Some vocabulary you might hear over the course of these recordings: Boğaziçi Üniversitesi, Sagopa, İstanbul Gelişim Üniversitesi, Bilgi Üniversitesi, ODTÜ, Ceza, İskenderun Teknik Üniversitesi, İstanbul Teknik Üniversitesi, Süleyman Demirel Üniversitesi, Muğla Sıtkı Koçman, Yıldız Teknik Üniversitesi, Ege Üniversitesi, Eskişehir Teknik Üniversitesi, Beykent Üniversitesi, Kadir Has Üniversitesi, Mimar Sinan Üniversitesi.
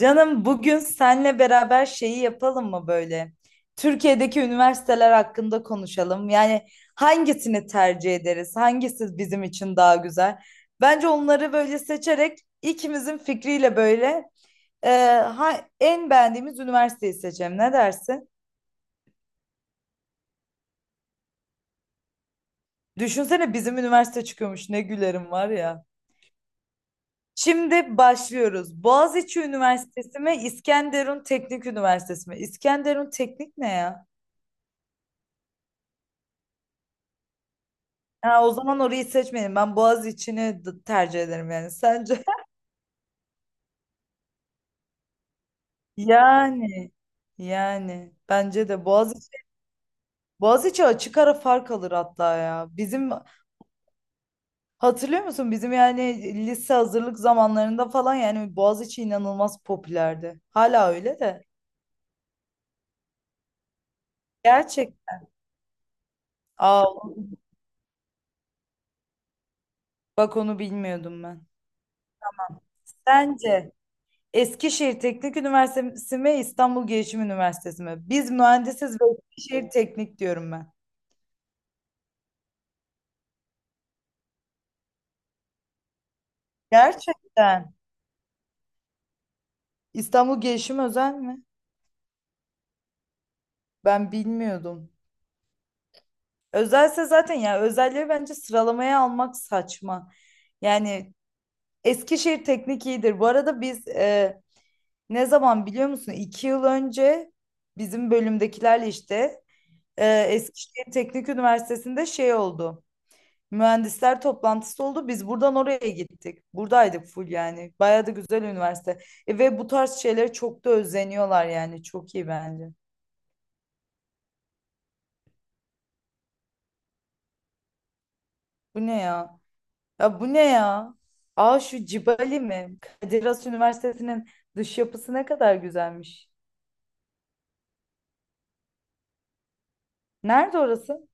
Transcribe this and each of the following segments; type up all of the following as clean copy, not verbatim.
Canım bugün senle beraber şeyi yapalım mı böyle? Türkiye'deki üniversiteler hakkında konuşalım. Yani hangisini tercih ederiz? Hangisi bizim için daha güzel? Bence onları böyle seçerek ikimizin fikriyle böyle e, en beğendiğimiz üniversiteyi seçelim. Ne dersin? Düşünsene bizim üniversite çıkıyormuş. Ne gülerim var ya. Şimdi başlıyoruz. Boğaziçi Üniversitesi mi, İskenderun Teknik Üniversitesi mi? İskenderun Teknik ne ya? Ha, o zaman orayı seçmeyelim. Ben Boğaziçi'ni tercih ederim yani. Sence? Yani. Yani, bence de Boğaziçi. Boğaziçi açık ara fark alır hatta ya. Bizim hatırlıyor musun? Bizim yani lise hazırlık zamanlarında falan yani Boğaziçi inanılmaz popülerdi. Hala öyle de. Gerçek. Aa, bak onu bilmiyordum ben. Sence Eskişehir Teknik Üniversitesi mi İstanbul Gelişim Üniversitesi mi? Biz mühendisiz ve Eskişehir Teknik diyorum ben. Gerçekten. İstanbul Gelişim özel mi? Ben bilmiyordum. Özelse zaten ya özelleri bence sıralamaya almak saçma. Yani Eskişehir Teknik iyidir. Bu arada biz ne zaman biliyor musun? 2 yıl önce bizim bölümdekilerle işte Eskişehir Teknik Üniversitesi'nde şey oldu. Mühendisler toplantısı oldu. Biz buradan oraya gittik. Buradaydık full yani. Bayağı da güzel üniversite. Ve bu tarz şeylere çok da özeniyorlar yani. Çok iyi bence. Bu ne ya? Ya bu ne ya? Aa şu Cibali mi? Kadir Has Üniversitesi'nin dış yapısı ne kadar güzelmiş. Nerede orası?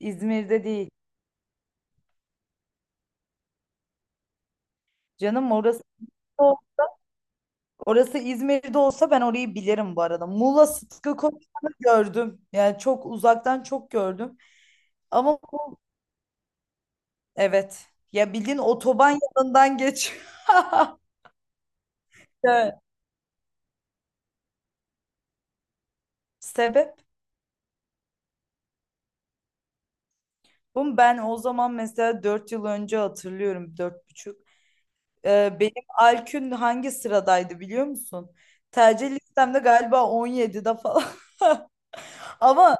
İzmir'de değil. Canım orası İzmir'de olsa ben orayı bilirim bu arada. Muğla Sıtkı Koçman'ı gördüm. Yani çok uzaktan çok gördüm. Ama bu evet. Ya bildiğin otoban yanından geç. Evet. Sebep? Bu ben o zaman mesela 4 yıl önce hatırlıyorum. Dört buçuk. Benim Alkün hangi sıradaydı biliyor musun? Tercih listemde galiba 17'de falan. Ama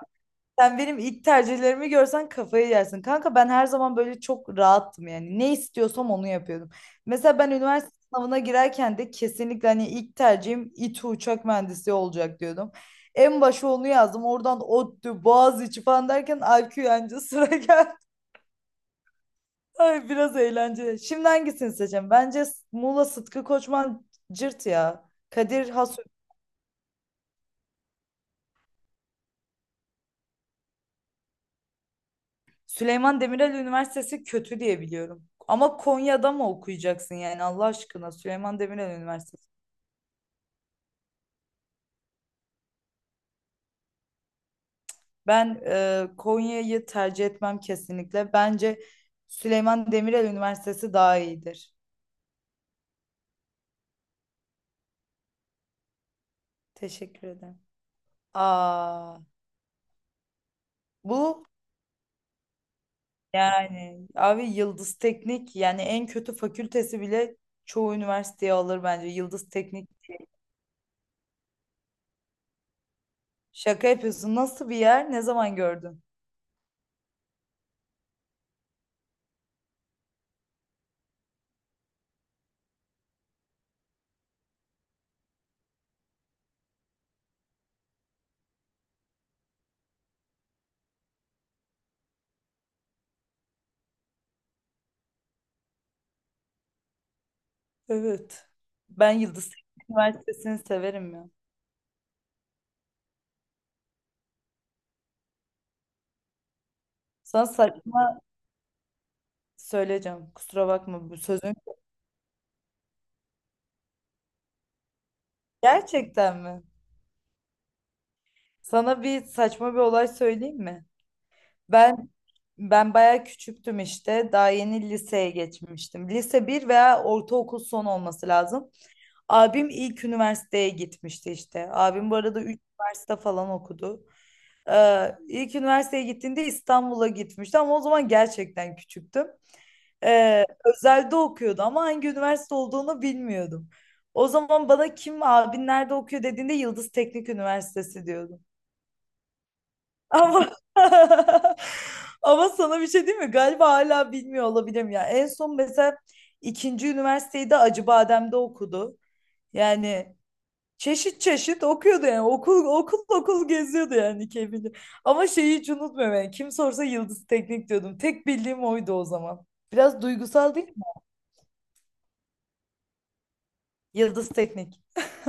sen benim ilk tercihlerimi görsen kafayı yersin. Kanka ben her zaman böyle çok rahattım yani. Ne istiyorsam onu yapıyordum. Mesela ben üniversite sınavına girerken de kesinlikle hani ilk tercihim İTÜ uçak mühendisi olacak diyordum. En başa onu yazdım. Oradan ODTÜ, Boğaziçi falan derken Alkün anca sıra geldi. Ay biraz eğlenceli. Şimdi hangisini seçeceğim? Bence Muğla Sıtkı Koçman cırt ya. Kadir Has Süleyman Demirel Üniversitesi kötü diye biliyorum. Ama Konya'da mı okuyacaksın yani Allah aşkına Süleyman Demirel Üniversitesi. Ben Konya'yı tercih etmem kesinlikle. Bence Süleyman Demirel Üniversitesi daha iyidir. Teşekkür ederim. Aa, bu yani abi Yıldız Teknik yani en kötü fakültesi bile çoğu üniversiteye alır bence. Yıldız Teknik. Şaka yapıyorsun. Nasıl bir yer? Ne zaman gördün? Evet. Ben Yıldız Teknik Üniversitesi'ni severim ya. Sana saçma söyleyeceğim. Kusura bakma bu sözün. Gerçekten mi? Sana bir saçma bir olay söyleyeyim mi? Ben ben bayağı küçüktüm işte. Daha yeni liseye geçmiştim. Lise bir veya ortaokul son olması lazım. Abim ilk üniversiteye gitmişti işte. Abim bu arada 3 üniversite falan okudu. İlk üniversiteye gittiğinde İstanbul'a gitmişti ama o zaman gerçekten küçüktüm. Özelde okuyordu ama hangi üniversite olduğunu bilmiyordum. O zaman bana kim abin nerede okuyor dediğinde Yıldız Teknik Üniversitesi diyordum. Ama ama sana bir şey diyeyim mi? Galiba hala bilmiyor olabilirim ya. En son mesela ikinci üniversiteyi de Acıbadem'de okudu. Yani çeşit çeşit okuyordu yani okul okul okul geziyordu yani Kevin'i. Ama şeyi hiç unutmuyorum yani kim sorsa Yıldız Teknik diyordum. Tek bildiğim oydu o zaman. Biraz duygusal değil mi? Yıldız Teknik.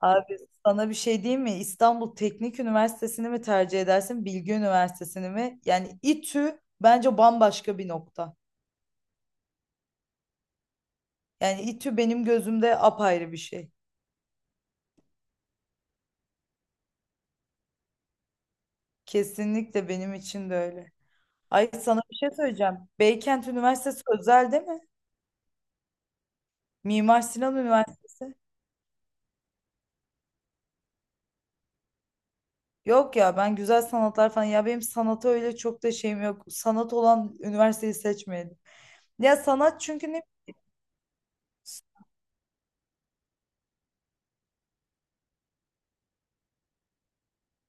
Abi sana bir şey diyeyim mi? İstanbul Teknik Üniversitesi'ni mi tercih edersin, Bilgi Üniversitesi'ni mi? Yani İTÜ bence bambaşka bir nokta. Yani İTÜ benim gözümde apayrı bir şey. Kesinlikle benim için de öyle. Ay sana bir şey söyleyeceğim. Beykent Üniversitesi özel değil mi? Mimar Sinan Üniversitesi. Yok ya ben güzel sanatlar falan ya benim sanata öyle çok da şeyim yok. Sanat olan üniversiteyi seçmeyelim. Ya sanat çünkü ne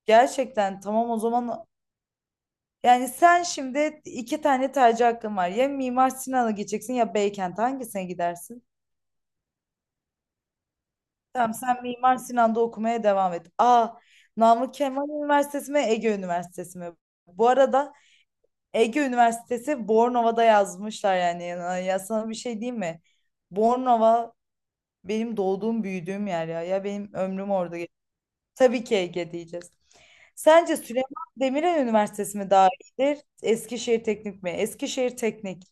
gerçekten tamam o zaman yani sen şimdi iki tane tercih hakkın var. Ya Mimar Sinan'a gideceksin ya Beykent hangisine gidersin? Tamam sen Mimar Sinan'da okumaya devam et. Aa Namık Kemal Üniversitesi mi Ege Üniversitesi mi? Bu arada Ege Üniversitesi Bornova'da yazmışlar yani. Ya sana bir şey diyeyim mi? Bornova benim doğduğum, büyüdüğüm yer ya. Ya benim ömrüm orada geçti. Tabii ki Ege diyeceğiz. Sence Süleyman Demirel Üniversitesi mi daha iyidir? Eskişehir Teknik mi? Eskişehir Teknik.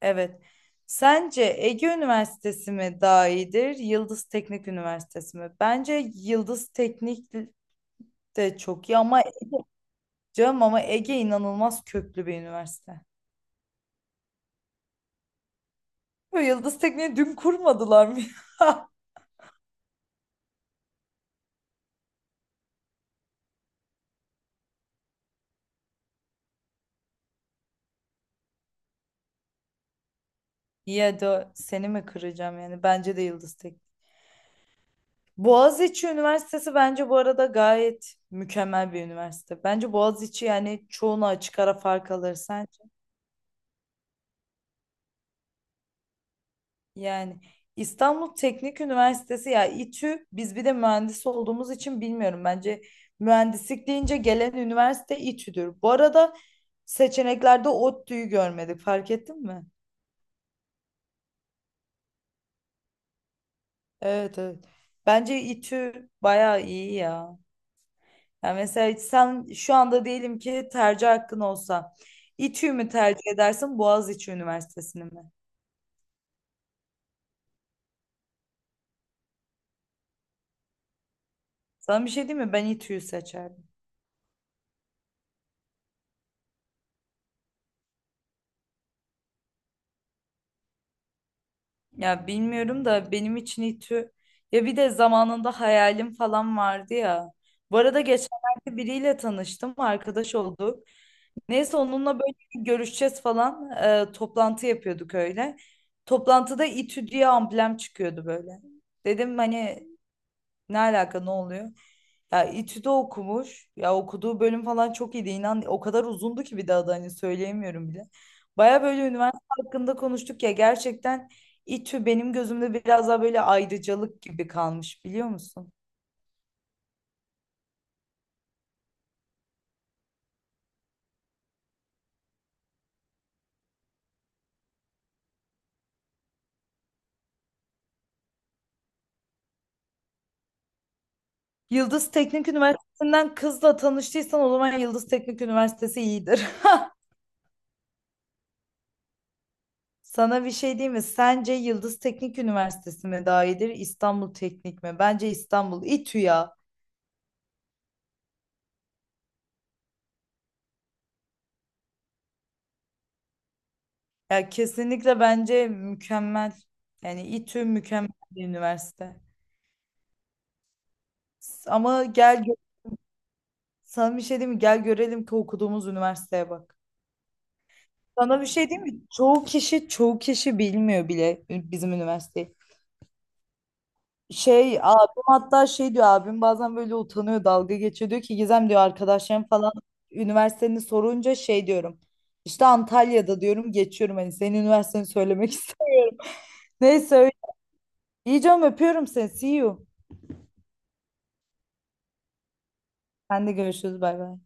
Evet. Sence Ege Üniversitesi mi daha iyidir? Yıldız Teknik Üniversitesi mi? Bence Yıldız Teknik de çok iyi ama canım ama Ege inanılmaz köklü bir üniversite. Bu Yıldız Teknik'i dün kurmadılar mı? Ya ya da seni mi kıracağım yani? Bence de Yıldız Teknik. Boğaziçi Üniversitesi bence bu arada gayet mükemmel bir üniversite. Bence Boğaziçi yani çoğuna açık ara fark alır sence. Yani İstanbul Teknik Üniversitesi ya İTÜ biz bir de mühendis olduğumuz için bilmiyorum. Bence mühendislik deyince gelen üniversite İTÜ'dür. Bu arada seçeneklerde ODTÜ'yü görmedik fark ettin mi? Evet, evet. Bence İTÜ bayağı iyi ya. Yani mesela sen şu anda diyelim ki tercih hakkın olsa İTÜ'yü mü tercih edersin Boğaziçi Üniversitesi'ni mi? Sana bir şey diyeyim mi? Ben İTÜ'yü seçerdim. Ya bilmiyorum da benim için İTÜ ya bir de zamanında hayalim falan vardı ya. Bu arada geçenlerde biriyle tanıştım, arkadaş olduk. Neyse onunla böyle bir görüşeceğiz falan toplantı yapıyorduk öyle. Toplantıda İTÜ diye amblem çıkıyordu böyle. Dedim hani ne alaka ne oluyor? Ya İTÜ'de okumuş. Ya okuduğu bölüm falan çok iyiydi. İnan o kadar uzundu ki bir daha da hani söyleyemiyorum bile. Baya böyle üniversite hakkında konuştuk ya gerçekten İTÜ benim gözümde biraz daha böyle ayrıcalık gibi kalmış biliyor musun? Yıldız Teknik Üniversitesi'nden kızla tanıştıysan o zaman Yıldız Teknik Üniversitesi iyidir. Sana bir şey diyeyim mi? Sence Yıldız Teknik Üniversitesi mi daha iyidir, İstanbul Teknik mi? Bence İstanbul. İTÜ ya. Ya kesinlikle bence mükemmel. Yani İTÜ mükemmel bir üniversite. S- Ama gel gö- Sana bir şey diyeyim mi? Gel görelim ki okuduğumuz üniversiteye bak. Sana bir şey diyeyim mi? Çoğu kişi bilmiyor bile bizim üniversiteyi. Şey abim hatta şey diyor abim bazen böyle utanıyor dalga geçiyor diyor ki Gizem diyor arkadaşlarım falan üniversiteni sorunca şey diyorum. İşte Antalya'da diyorum geçiyorum hani senin üniversiteni söylemek istedim. Neyse öyle. İyi canım öpüyorum seni. See you. Sen de görüşürüz. Bay bay.